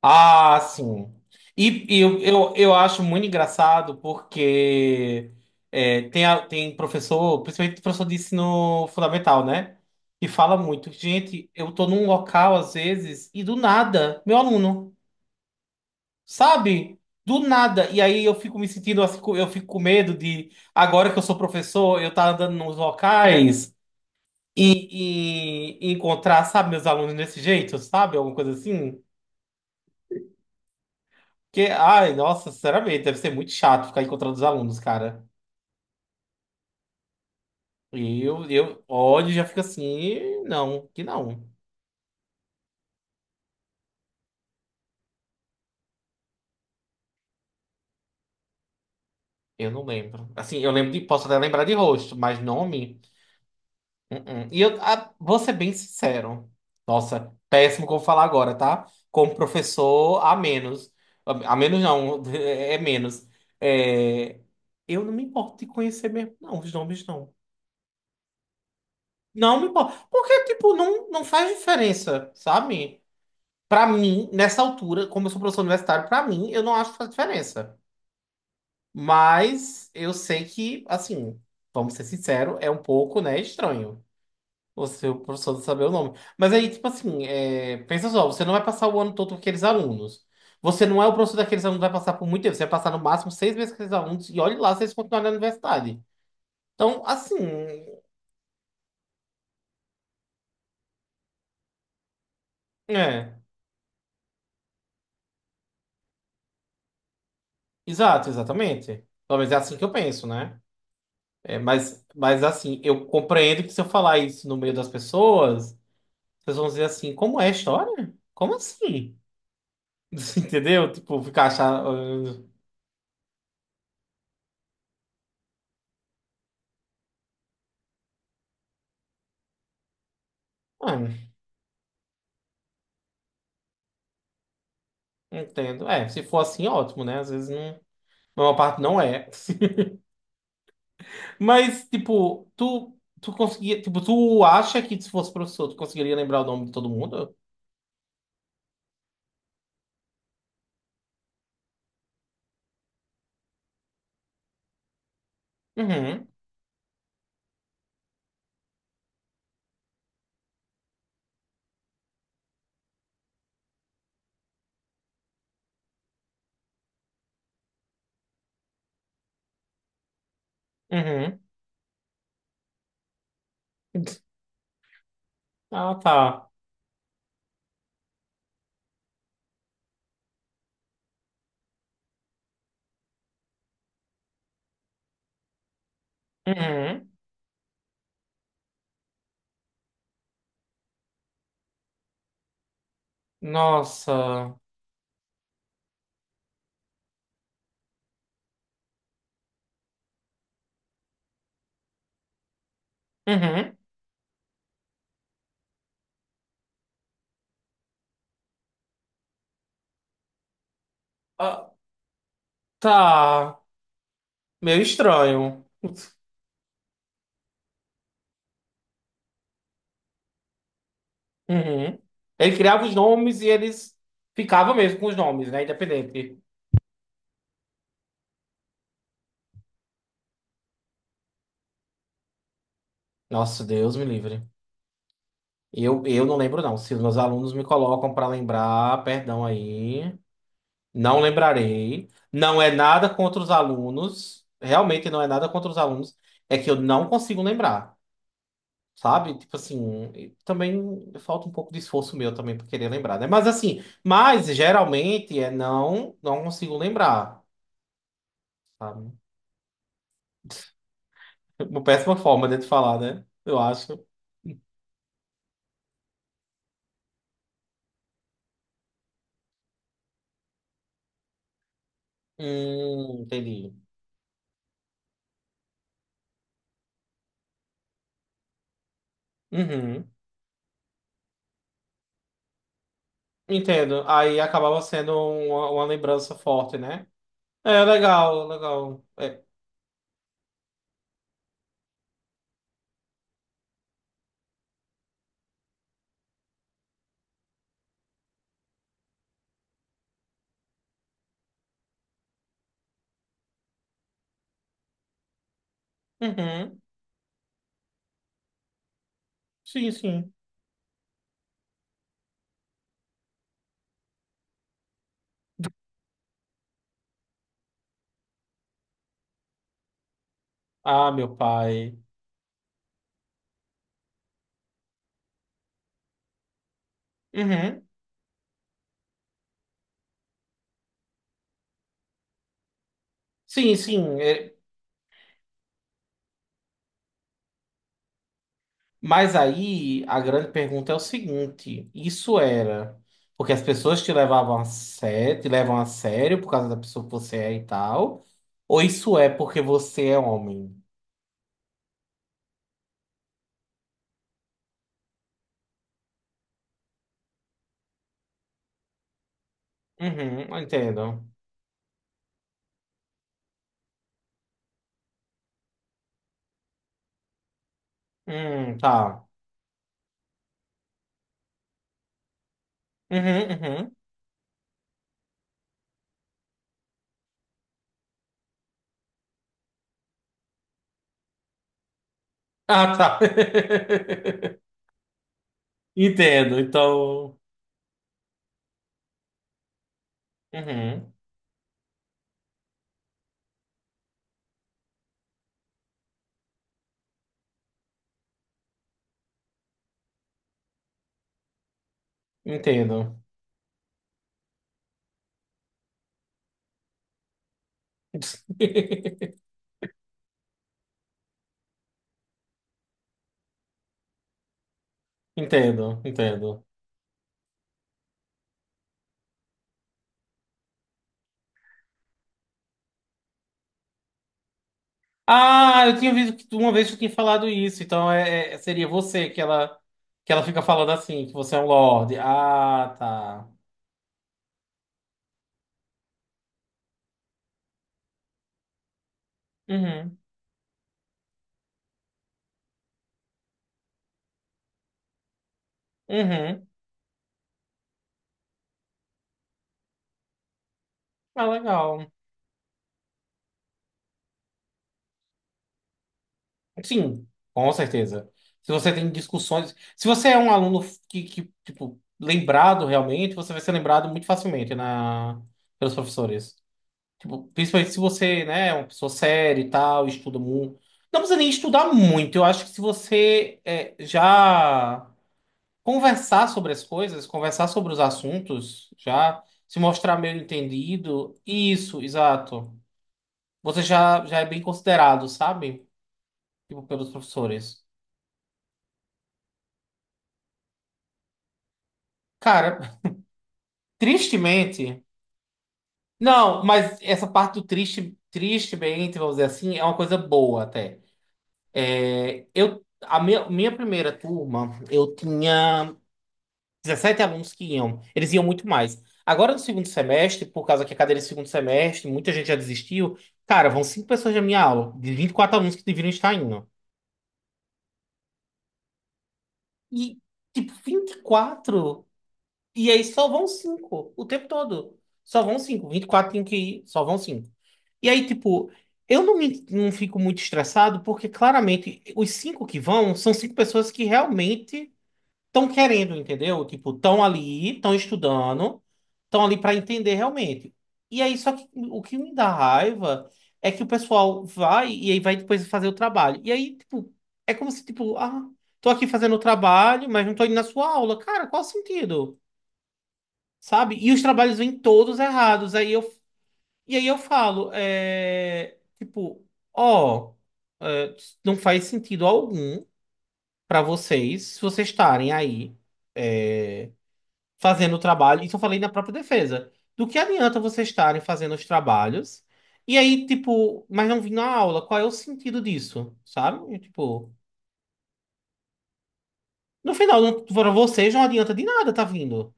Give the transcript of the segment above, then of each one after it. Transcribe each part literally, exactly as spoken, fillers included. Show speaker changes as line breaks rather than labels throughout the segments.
Ah, sim. E, e eu, eu, eu acho muito engraçado porque é, tem, a- tem professor, principalmente professor de ensino fundamental, né? Que fala muito. Gente, eu tô num local às vezes e do nada, meu aluno, sabe? Do nada. E aí eu fico me sentindo assim, co- eu fico com medo de, agora que eu sou professor, eu tá andando nos locais e, e, e encontrar, sabe, meus alunos desse jeito, sabe? Alguma coisa assim. Porque, ai, nossa, sinceramente, deve ser muito chato ficar encontrando os alunos, cara. Eu, eu olho e já fico assim, não, que não. Eu não lembro. Assim, eu lembro de, posso até lembrar de rosto, mas nome. Uh-uh. E eu ah, vou ser bem sincero. Nossa, péssimo como falar agora, tá? Como professor, a menos. A a menos não, é menos. É, eu não me importo de conhecer mesmo, não, os nomes não. Não me importo. Porque, tipo, não, não faz diferença, sabe? Pra mim, nessa altura, como eu sou professor universitário, pra mim, eu não acho que faz diferença. Mas eu sei que, assim, vamos ser sinceros, é um pouco, né, estranho você, o professor, não saber o nome. Mas aí, tipo assim, é, pensa só, você não vai passar o ano todo com aqueles alunos. Você não é o professor daqueles alunos que vai passar por muito tempo. Você vai passar no máximo seis meses com aqueles alunos e olhe lá se eles continuarem na universidade. Então, assim, é. Exato, exatamente. Pelo menos é assim que eu penso, né? É, mas, mas assim, eu compreendo que se eu falar isso no meio das pessoas, as pessoas vão dizer assim, como é a história? Como assim? Entendeu? Tipo, ficar achando. Ah, não entendo. É, se for assim, ótimo, né? Às vezes não. Uma parte não é. Mas, tipo, tu, tu conseguia. Tipo, tu acha que se fosse professor, tu conseguiria lembrar o nome de todo mundo? Uhum. Uhum. Ah, tá. Uhum. Nossa. Uhum. Ah, tá. Meio estranho. Uhum. Ele criava os nomes e eles ficavam mesmo com os nomes, né? Independente. Nossa, Deus me livre. Eu, eu não lembro, não. Se os meus alunos me colocam para lembrar, perdão aí. Não lembrarei. Não é nada contra os alunos. Realmente não é nada contra os alunos. É que eu não consigo lembrar, sabe? Tipo assim, e também falta um pouco de esforço meu também para querer lembrar, né? Mas assim, mas geralmente é não, não consigo lembrar, sabe? Uma péssima forma de te falar, né? Eu acho. Hum, entendi. Uhum. Entendo. Aí acabava sendo uma, uma lembrança forte, né? É, legal, legal. É. Uhum. Sim, sim. Ah, meu pai. Uhum. Sim, sim. É, mas aí a grande pergunta é o seguinte: isso era porque as pessoas te levavam a sério, te levam a sério por causa da pessoa que você é e tal? Ou isso é porque você é homem? Uhum, entendo. Hum, tá. Uhum, uhum. Ah, tá. Entendo, então. Uhum, entendo. Entendo, entendo. Ah, eu tinha visto que tu- uma vez tu tinha falado isso, então é, é- seria você que ela, que ela fica falando assim, que você é um lorde. Ah, tá. Uhum, uhum. Ah, legal. Sim, com certeza. Se você tem discussões, se você é um aluno que, que, tipo, lembrado realmente, você vai ser lembrado muito facilmente na, pelos professores. Tipo, principalmente se você, né, é uma pessoa séria e tal, estuda muito. Não precisa nem estudar muito. Eu acho que se você é, já conversar sobre as coisas, conversar sobre os assuntos, já se mostrar meio entendido, isso, exato. Você já, já é bem considerado, sabe? Tipo, pelos professores. Cara, tristemente, não, mas essa parte do triste, tristemente, vamos dizer assim, é uma coisa boa até. É, eu, a minha, minha primeira turma, eu tinha dezessete alunos que iam, eles iam muito mais. Agora no segundo semestre, por causa que a cadeira é segundo semestre, muita gente já desistiu. Cara, vão cinco pessoas da minha aula, de vinte e quatro alunos que deveriam estar indo. E, tipo, vinte e quatro e aí só vão cinco o tempo todo. Só vão cinco. Vinte e quatro tem que ir, só vão cinco. E aí, tipo, eu não, me, não fico muito estressado, porque claramente os cinco que vão são cinco pessoas que realmente estão querendo, entendeu? Tipo, estão ali, estão estudando, estão ali para entender realmente. E aí, só que o que me dá raiva é que o pessoal vai e aí vai depois fazer o trabalho. E aí, tipo, é como se, tipo, ah, tô aqui fazendo o trabalho, mas não tô indo na sua aula. Cara, qual o sentido? Sabe? E os trabalhos vêm todos errados. Aí eu, e aí eu falo, é, tipo, ó, é, não faz sentido algum para vocês, se vocês estarem aí fazendo o trabalho, isso eu falei na própria defesa, do que adianta vocês estarem fazendo os trabalhos e aí, tipo, mas não vir na aula, qual é o sentido disso, sabe? E, tipo, no final, não- para vocês não adianta de nada tá vindo.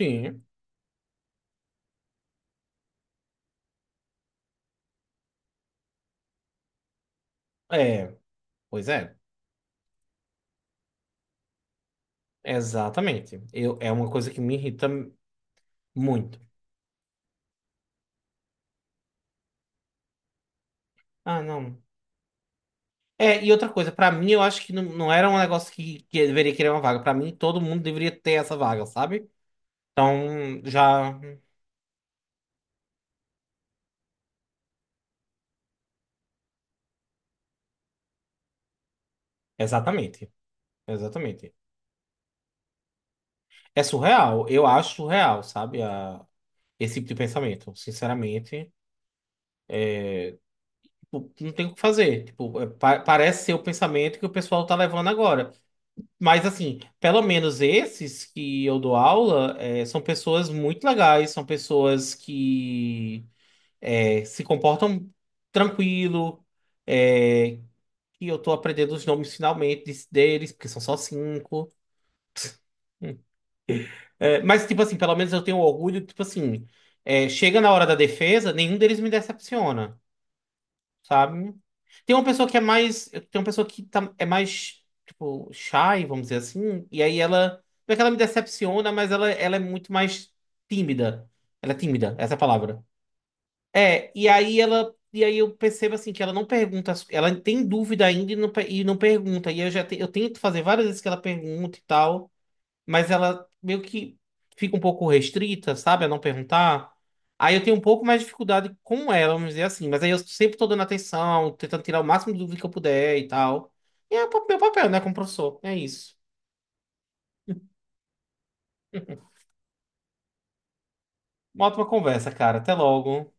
Sim, é, pois é, exatamente. Eu, é uma coisa que me irrita muito. Ah, não. É, e outra coisa, pra mim eu acho que não, não era um negócio que, que eu deveria querer uma vaga. Pra mim todo mundo deveria ter essa vaga, sabe? Então, já. Exatamente. Exatamente. É surreal. Eu acho surreal, sabe? A- Esse tipo de pensamento. Sinceramente, tipo, não tem o que fazer. Tipo, é, pa- parece ser o pensamento que o pessoal tá levando agora. Mas, assim, pelo menos esses que eu dou aula, é, são pessoas muito legais, são pessoas que é, se comportam tranquilo, é, que eu tô aprendendo os nomes finalmente des- deles, porque são só cinco. É, mas, tipo assim, pelo menos eu tenho orgulho, tipo assim, é, chega na hora da defesa, nenhum deles me decepciona, sabe? Tem uma pessoa que é mais, tem uma pessoa que tá- é mais, tipo, shy, vamos dizer assim, e aí ela, não é que ela me decepciona, mas ela, ela é muito mais tímida. Ela é tímida, essa é a palavra. É, e aí ela. E aí eu percebo assim que ela não pergunta, as- ela tem dúvida ainda e não, pe- e não pergunta. E eu já te- eu tento fazer várias vezes que ela pergunta e tal, mas ela meio que fica um pouco restrita, sabe, a não perguntar. Aí eu tenho um pouco mais de dificuldade com ela, vamos dizer assim. Mas aí eu sempre tô dando atenção, tentando tirar o máximo de dúvida que eu puder e tal. E é o meu papel, né, como professor. É isso. Uma ótima conversa, cara. Até logo.